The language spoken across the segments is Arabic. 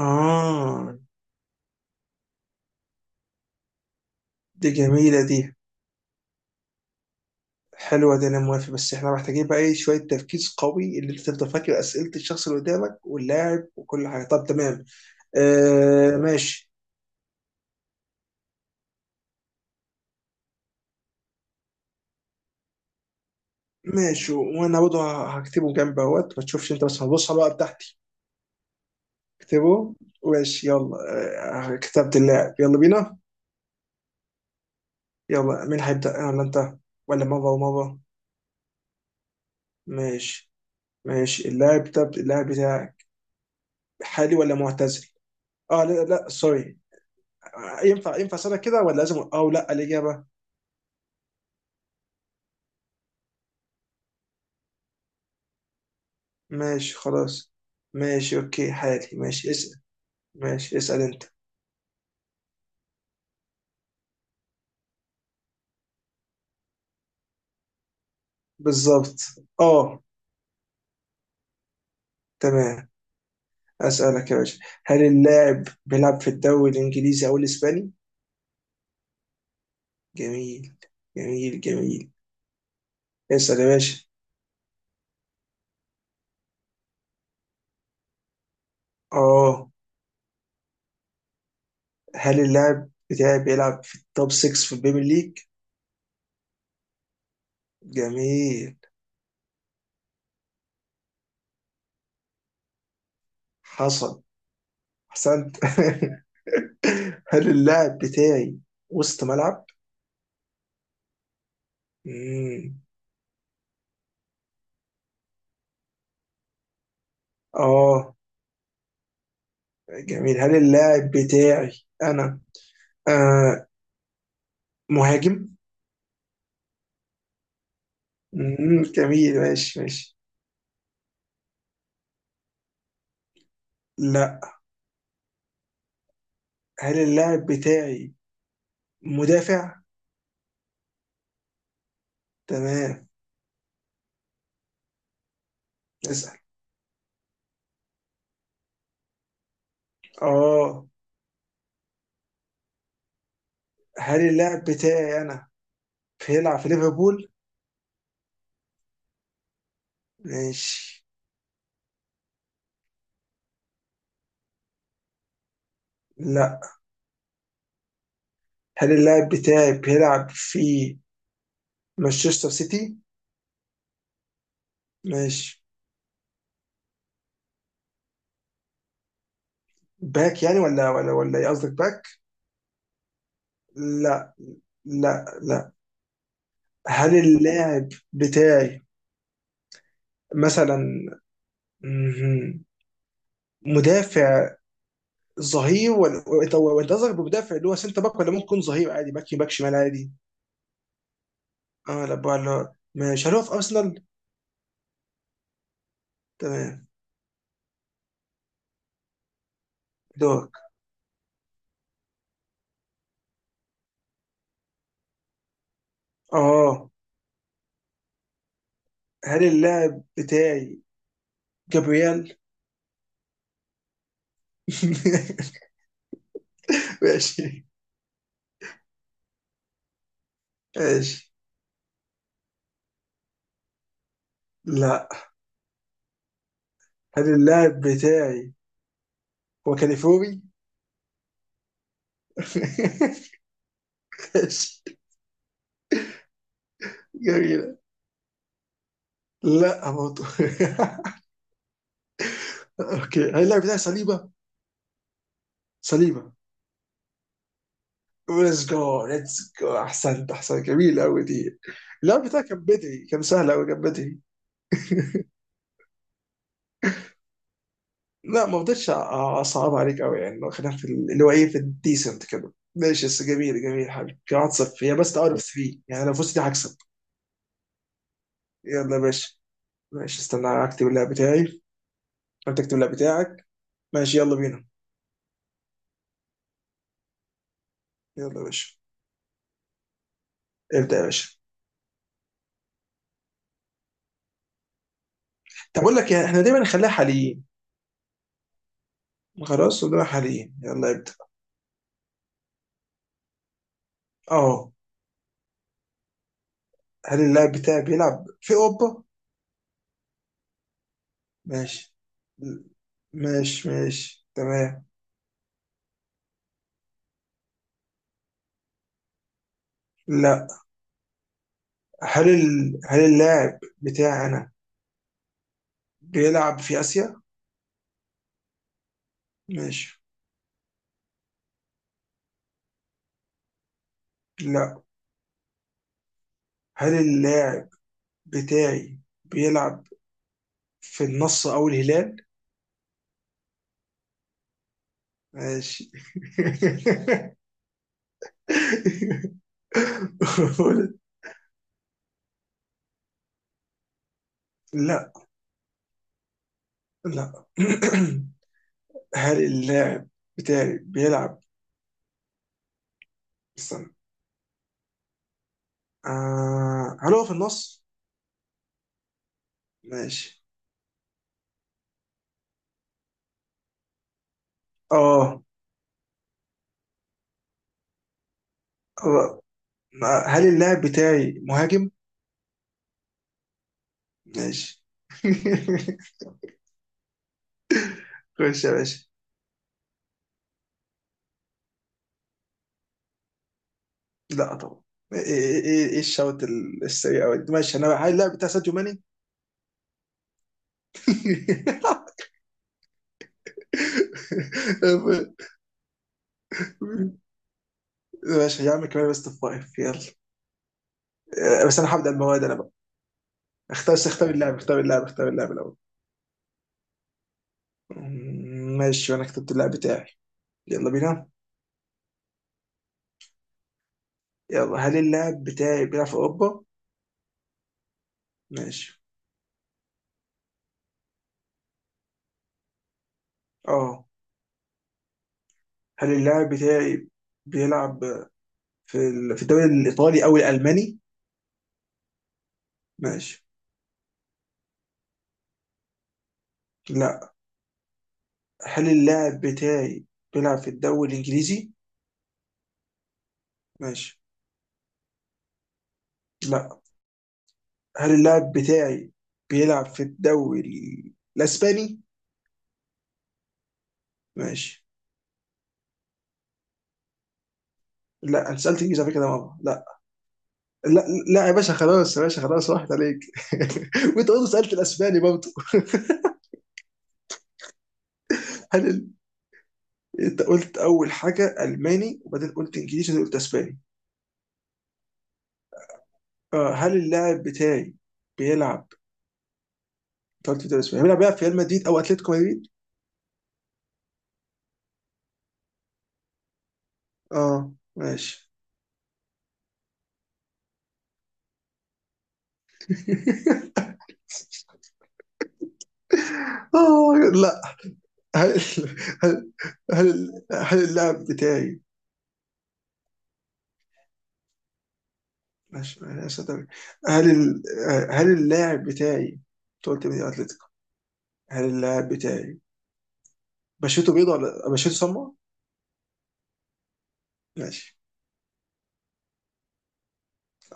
آه دي جميلة دي حلوة دي أنا موافق. بس إحنا محتاجين بقى إيه شوية تركيز قوي اللي أنت تفضل فاكر أسئلة الشخص اللي قدامك واللاعب وكل حاجة. طب تمام. آه ماشي. ماشي، وأنا برضه هكتبه جنب أهوت ما تشوفش أنت، بس هتبص على الورقة بتاعتي. اكتبه. ماشي يلا. آه كتبت اللاعب، يلا بينا. يلا مين هيبدأ، أنا ولا أنت؟ ولا مرة ومرة. ماشي. ماشي، اللاعب ده اللاعب بتاعك حالي ولا معتزل؟ اه لا لا سوري. ينفع اسالك كده ولا لازم او لا الاجابه؟ ماشي خلاص. ماشي اوكي، حالي. ماشي اسال. ماشي اسال انت. بالظبط. اه تمام. اسالك يا باشا، هل اللاعب بيلعب في الدوري الانجليزي او الاسباني؟ جميل جميل جميل. اسال يا باشا. اه هل اللاعب بتاعي بيلعب في التوب 6 في البيبي ليج؟ جميل حصل، احسنت هل اللاعب بتاعي وسط ملعب؟ مم. اه جميل. هل اللاعب بتاعي انا آه مهاجم؟ جميل ماشي ماشي. لا هل اللاعب بتاعي مدافع؟ تمام اسأل. اه هل اللاعب بتاعي انا بيلعب في ليفربول؟ ماشي. لا هل اللاعب بتاعي بيلعب في مانشستر سيتي؟ ماشي. باك يعني؟ ولا ايه قصدك باك؟ لا لا لا. هل اللاعب بتاعي مثلا مدافع ظهير، ولا وأنت قصدك بمدافع اللي هو سنتر باك، ولا ممكن ظهير عادي باك يمين، باك شمال عادي؟ اه لا بقى، لا ماشي. هل هو في ارسنال؟ تمام دورك. اه هل اللاعب بتاعي جابرييل؟ ماشي ماشي. لا هل اللاعب بتاعي هو كاليفوري؟ ماشي. جميلة. لا برضه. اوكي هل اللاعب بتاعي صليبة؟ صليبة. ليتس جو ليتس جو، احسنت احسنت، جميل قوي دي. اللعب بتاعي كان بدري، كان سهل قوي كان بدري. لا ما رضيتش، اصعب عليك قوي يعني. خلينا في اللي هو ايه، في الديسنت كده ماشي، بس جميل جميل حبيبي كده. 1-0 هي بس، اوت اوف 3 يعني، لو فزت دي هكسب. يلا يا باشا. ماشي استنى اكتب اللعب بتاعي، انت اكتب اللعب بتاعك. ماشي يلا بينا. يلا يا باشا. ابدا يا باشا. طب اقول لك إيه، احنا دايما نخليها حاليين. خلاص ونبقى حاليين، يلا ابدا. اه هل اللاعب بتاعي بيلعب في اوروبا؟ ماشي ماشي ماشي تمام. لا هل هل اللاعب بتاعنا بيلعب في آسيا؟ ماشي. لا هل اللاعب بتاعي بيلعب في النصر أو الهلال؟ ماشي لا لا هل اللاعب بتاعي بيلعب، استنى، هل هو في النص؟ ماشي اه آه. هل اللاعب بتاعي مهاجم؟ ماشي خش يا باشا. لا طبعا. ايه ايه ايه إيه إيه الشوط السريع أوي ده؟ ماشي انا هاي اللاعب بتاع ساديو ماني. ماشي يا عم، كمان بس فايف يلا. بس انا هبدأ المواد انا بقى. اختار اختار اللاعب، اختار اللاعب، اختار اللاعب الاول. ماشي وانا كتبت اللاعب بتاعي، يلا بينا. يلا هل اللاعب بتاعي بيلعب في اوروبا؟ ماشي. اه هل اللاعب بتاعي بيلعب في في الدوري الايطالي او الالماني؟ ماشي. لا هل اللاعب بتاعي بيلعب في الدوري الإنجليزي؟ ماشي. لا هل اللاعب بتاعي بيلعب في الدوري الإسباني؟ ماشي. لا انا سألت انجليزي على فكرة يا ماما، لا. لا لا يا باشا خلاص، يا باشا خلاص راحت عليك وانت برضه سألت الاسباني برضه. هل انت قلت اول حاجة الماني وبعدين قلت انجليزي وبعدين قلت اسباني. آه هل اللاعب بتاعي بيلعب، انت قلت في الدوري الاسباني بيلعب في ريال مدريد او اتلتيكو مدريد؟ اه ماشي. آه لا. هل هل هل هل اللاعب بتاعي ماشي ماشي، أصدق. هل ال- هل اللاعب بتاعي أنت قلت مين اتلتيكو. هل اللاعب بتاعي بشرته بيضة ولا بشرته سمراء؟ ماشي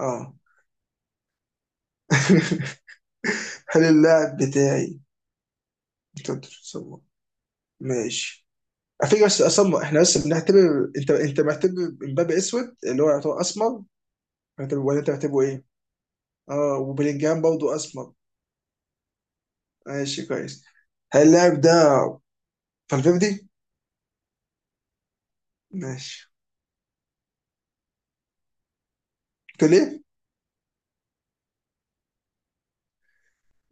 اه هل اللاعب بتاعي أنت قلت بشرته سمراء. ماشي على فكرة، بس اسمر احنا بس بنعتبر، انت معتبر مبابي اسود اللي هو يعتبر اسمر معتبر، ولا انت معتبره ايه؟ اه وبلينجهام برضه اسمر. ماشي كويس. هل اللاعب ده فالفيردي؟ ماشي. تقول ايه؟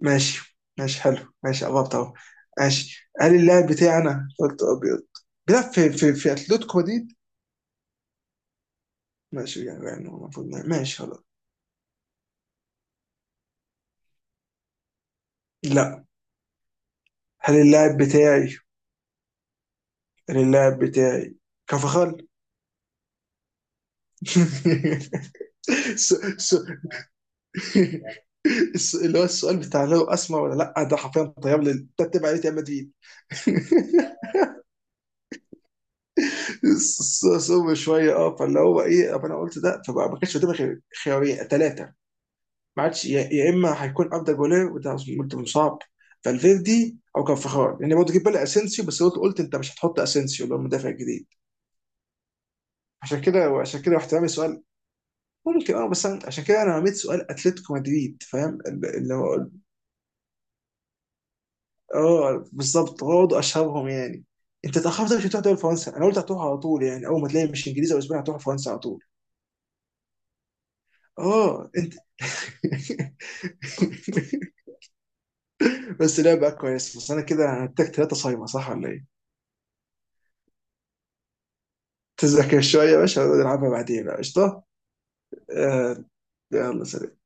ماشي ماشي حلو، ماشي قربت اهو. ماشي قال اللاعب بتاعنا قلت ابيض، بيلعب في اتلتيكو مدريد. ماشي يعني المفروض يعني، ماشي خلاص. لا هل اللاعب بتاعي هل اللاعب بتاعي كفخال س- س- اللي هو السؤال بتاع لو اسمر ولا لا ده حرفيا، طيب لي تتبع عليه ريال مدريد. صعب شويه اه، فاللي هو ايه، طب انا قلت ده، فما ما كانش قدامي غير خيارين ثلاثه. ماتش، يا اما هيكون افضل جولير، وده قلت مصاب، فالفيردي او كارفخال، لان يعني برضه جيب بالي اسينسيو، بس قلت انت مش هتحط اسينسيو اللي هو المدافع الجديد. عشان كده وعشان كده رحت رامي سؤال. ممكن اه بس عشان كده انا رميت سؤال اتلتيكو مدريد، فاهم اللي هو. اه بالظبط، هو ده اشهرهم يعني. انت اتاخرت مش هتروح دوري فرنسا، انا قلت هتروح على طول يعني، اول ما تلاقي مش انجليزي او اسباني هتروح فرنسا على طول. اه انت بس لعبه كويس، بس انا كده هنتك ثلاثه صايمه صح ولا ايه؟ تذاكر شوية يا باشا ونلعبها بعدين بقى قشطة. آه، يلا سلام.